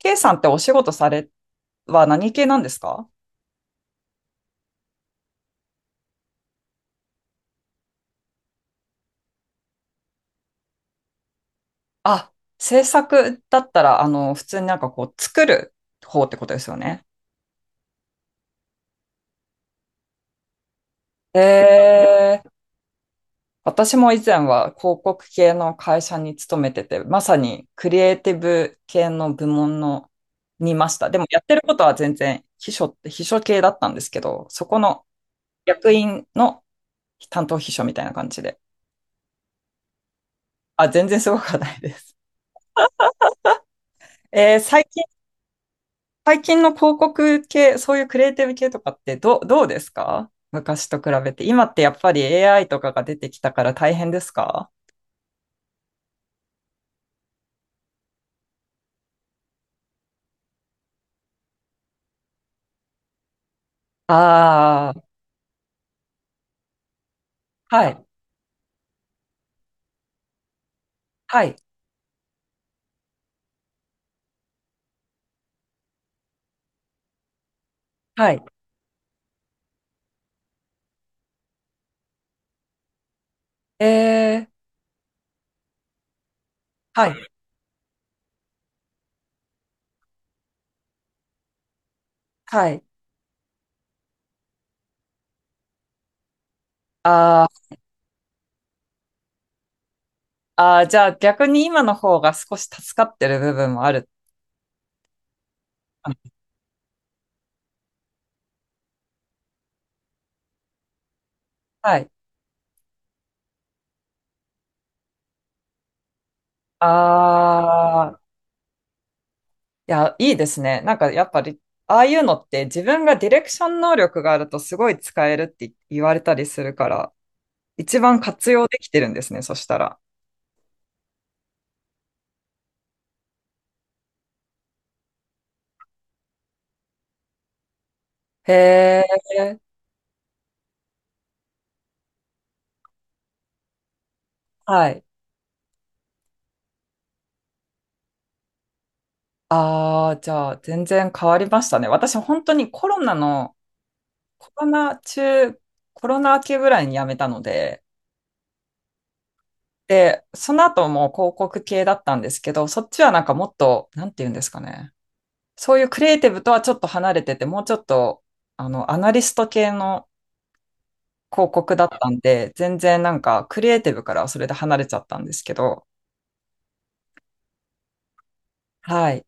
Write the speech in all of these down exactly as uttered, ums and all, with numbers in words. K さんってお仕事されは何系なんですか？あ、制作だったら、あの、普通になんかこう、作る方ってことですよね。えー、私も以前は広告系の会社に勤めてて、まさにクリエイティブ系の部門のにいました。でもやってることは全然秘書って秘書系だったんですけど、そこの役員の担当秘書みたいな感じで。あ、全然すごくはないです。えー、最近最近の広告系、そういうクリエイティブ系とかってどう、どうですか昔と比べて。今ってやっぱり エーアイ とかが出てきたから大変ですか？ああー、はい、はい、はい。えー、はい、はい。あー、あー、じゃあ逆に今の方が少し助かってる部分もある。あ、はい。ああ、いや、いいですね。なんかやっぱり、ああいうのって自分がディレクション能力があるとすごい使えるって言われたりするから、一番活用できてるんですね、そしたら。へえ、はい。ああ、じゃあ、全然変わりましたね。私、本当にコロナの、コロナ中、コロナ明けぐらいに辞めたので、で、その後もう広告系だったんですけど、そっちはなんかもっと、なんて言うんですかね。そういうクリエイティブとはちょっと離れてて、もうちょっと、あの、アナリスト系の広告だったんで、全然なんかクリエイティブからはそれで離れちゃったんですけど、はい。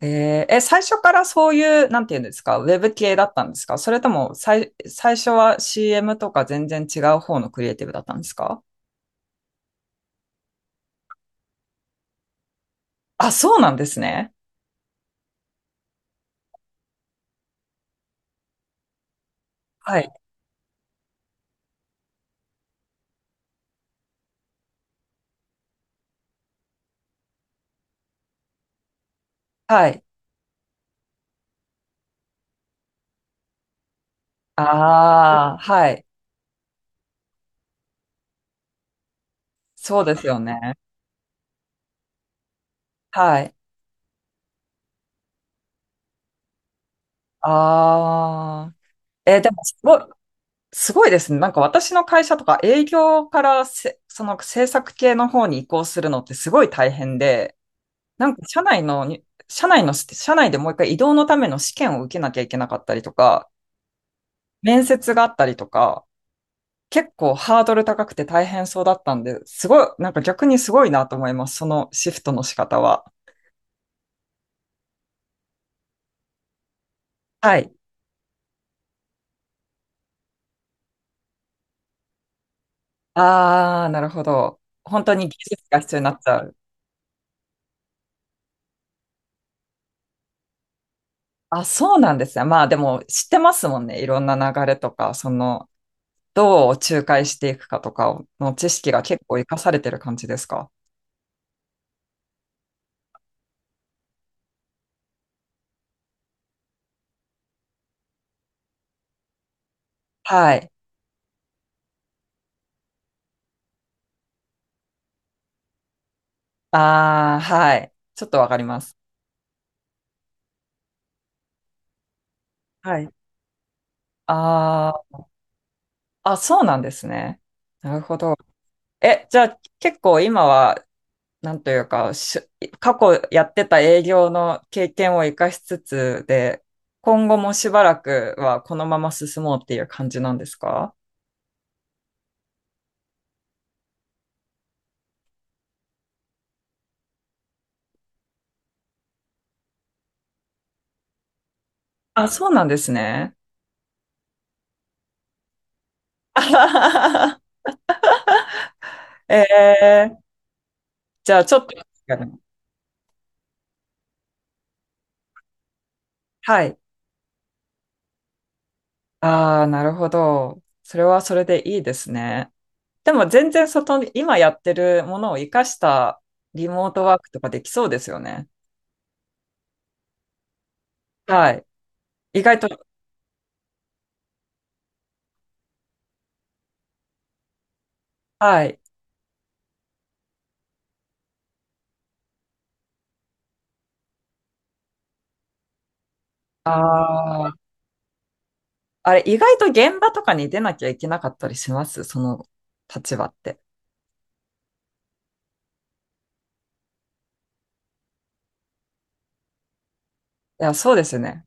えーえ、最初からそういう、なんていうんですか、ウェブ系だったんですか？それとも、最、最初は シーエム とか全然違う方のクリエイティブだったんですか？あ、そうなんですね。はい。はい。ああ、はい。そうですよね。はい。ああ。えーでも、すごい、すごいですね。なんか私の会社とか営業からせ、その制作系の方に移行するのってすごい大変で、なんか社内のに、社内の、社内でもう一回移動のための試験を受けなきゃいけなかったりとか、面接があったりとか、結構ハードル高くて大変そうだったんで、すごい、なんか逆にすごいなと思います。そのシフトの仕方は。はい。あー、なるほど。本当に技術が必要になっちゃう。あ、そうなんですね。まあでも知ってますもんね。いろんな流れとか、その、どう仲介していくかとかの知識が結構活かされてる感じですか？はい。ああ、はい。ちょっとわかります。はい。あー、あ、そうなんですね。なるほど。え、じゃあ結構今は、なんというか、し過去やってた営業の経験を生かしつつで、今後もしばらくはこのまま進もうっていう感じなんですか？あ、そうなんですね。あはははえー、じゃあちょっと、はい。ああ、なるほど。それはそれでいいですね。でも全然外に、今やってるものを活かしたリモートワークとかできそうですよね。はい。意外と、はい。ああ。あれ、意外と現場とかに出なきゃいけなかったりしますその立場って？いや、そうですよね。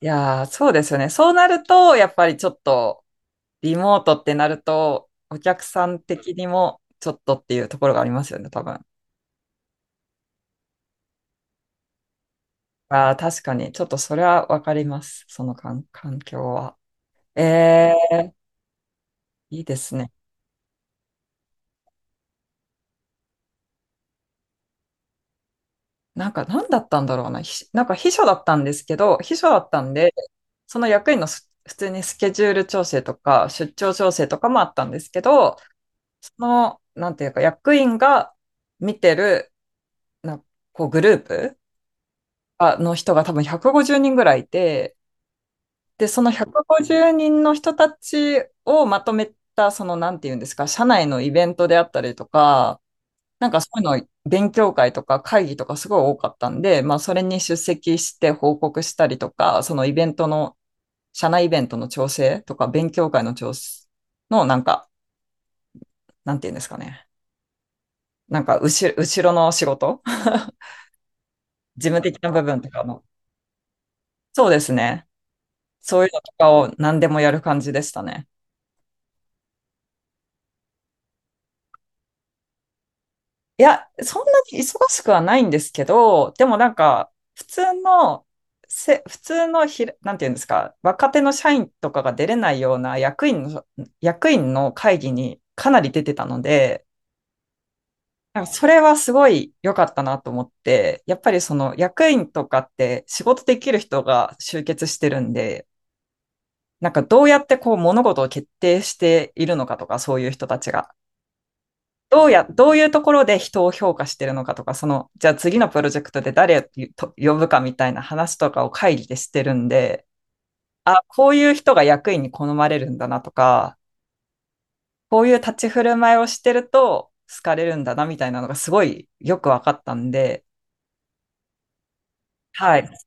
いやー、そうですよね。そうなると、やっぱりちょっと、リモートってなると、お客さん的にも、ちょっとっていうところがありますよね、多分。ああ、確かに。ちょっとそれはわかります。その環環境は。ええ、いいですね。なんか何だったんだろうな。ひなんか秘書だったんですけど、秘書だったんで、その役員のす普通にスケジュール調整とか出張調整とかもあったんですけど、その、なんていうか役員が見てる、なこうグループあの人が多分ひゃくごじゅうにんぐらいいて、で、そのひゃくごじゅうにんの人たちをまとめた、その、なんていうんですか、社内のイベントであったりとか、なんかそういうの勉強会とか会議とかすごい多かったんで、まあそれに出席して報告したりとか、そのイベントの、社内イベントの調整とか、勉強会の調整のなんか、なんていうんですかね。なんか後ろ、後ろの仕事。 事務的な部分とかの。そうですね。そういうのとかを何でもやる感じでしたね。いや、そんなに忙しくはないんですけど、でもなんか、普通の、せ、普通のひら、なんていうんですか、若手の社員とかが出れないような役員の、役員の会議にかなり出てたので、なんかそれはすごい良かったなと思って、やっぱりその役員とかって仕事できる人が集結してるんで、なんかどうやってこう物事を決定しているのかとか、そういう人たちが。どうや、どういうところで人を評価してるのかとか、その、じゃあ次のプロジェクトで誰をと呼ぶかみたいな話とかを会議でしてるんで、あ、こういう人が役員に好まれるんだなとか、こういう立ち振る舞いをしてると好かれるんだなみたいなのがすごいよく分かったんで、はい。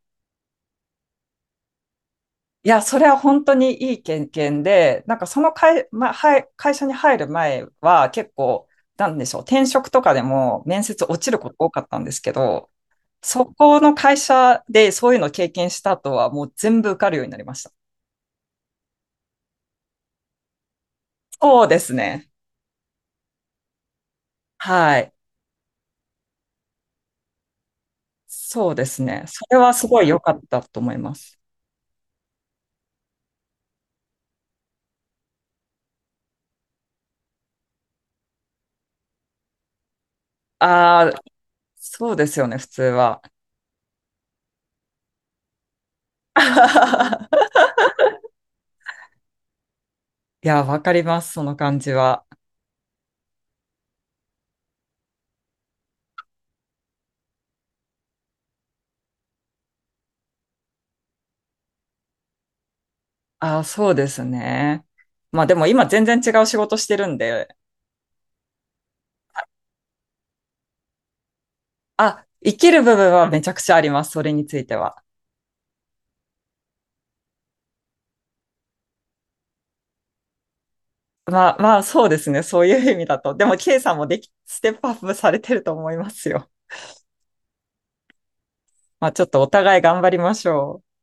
いや、それは本当にいい経験で、なんかその会、ま、はい会社に入る前は結構、なんでしょう、転職とかでも面接落ちること多かったんですけど、そこの会社でそういうのを経験した後はもう全部受かるようになりました。そうですね。はい。そうですね。それはすごい良かったと思います。ああ、そうですよね、普通は。いや、わかります、その感じは。ああ、そうですね。まあでも今全然違う仕事してるんで、あ、生きる部分はめちゃくちゃあります、それについては。まあまあ、そうですね、そういう意味だと。でも、K さんもでき、ステップアップされてると思いますよ。まあちょっとお互い頑張りましょう。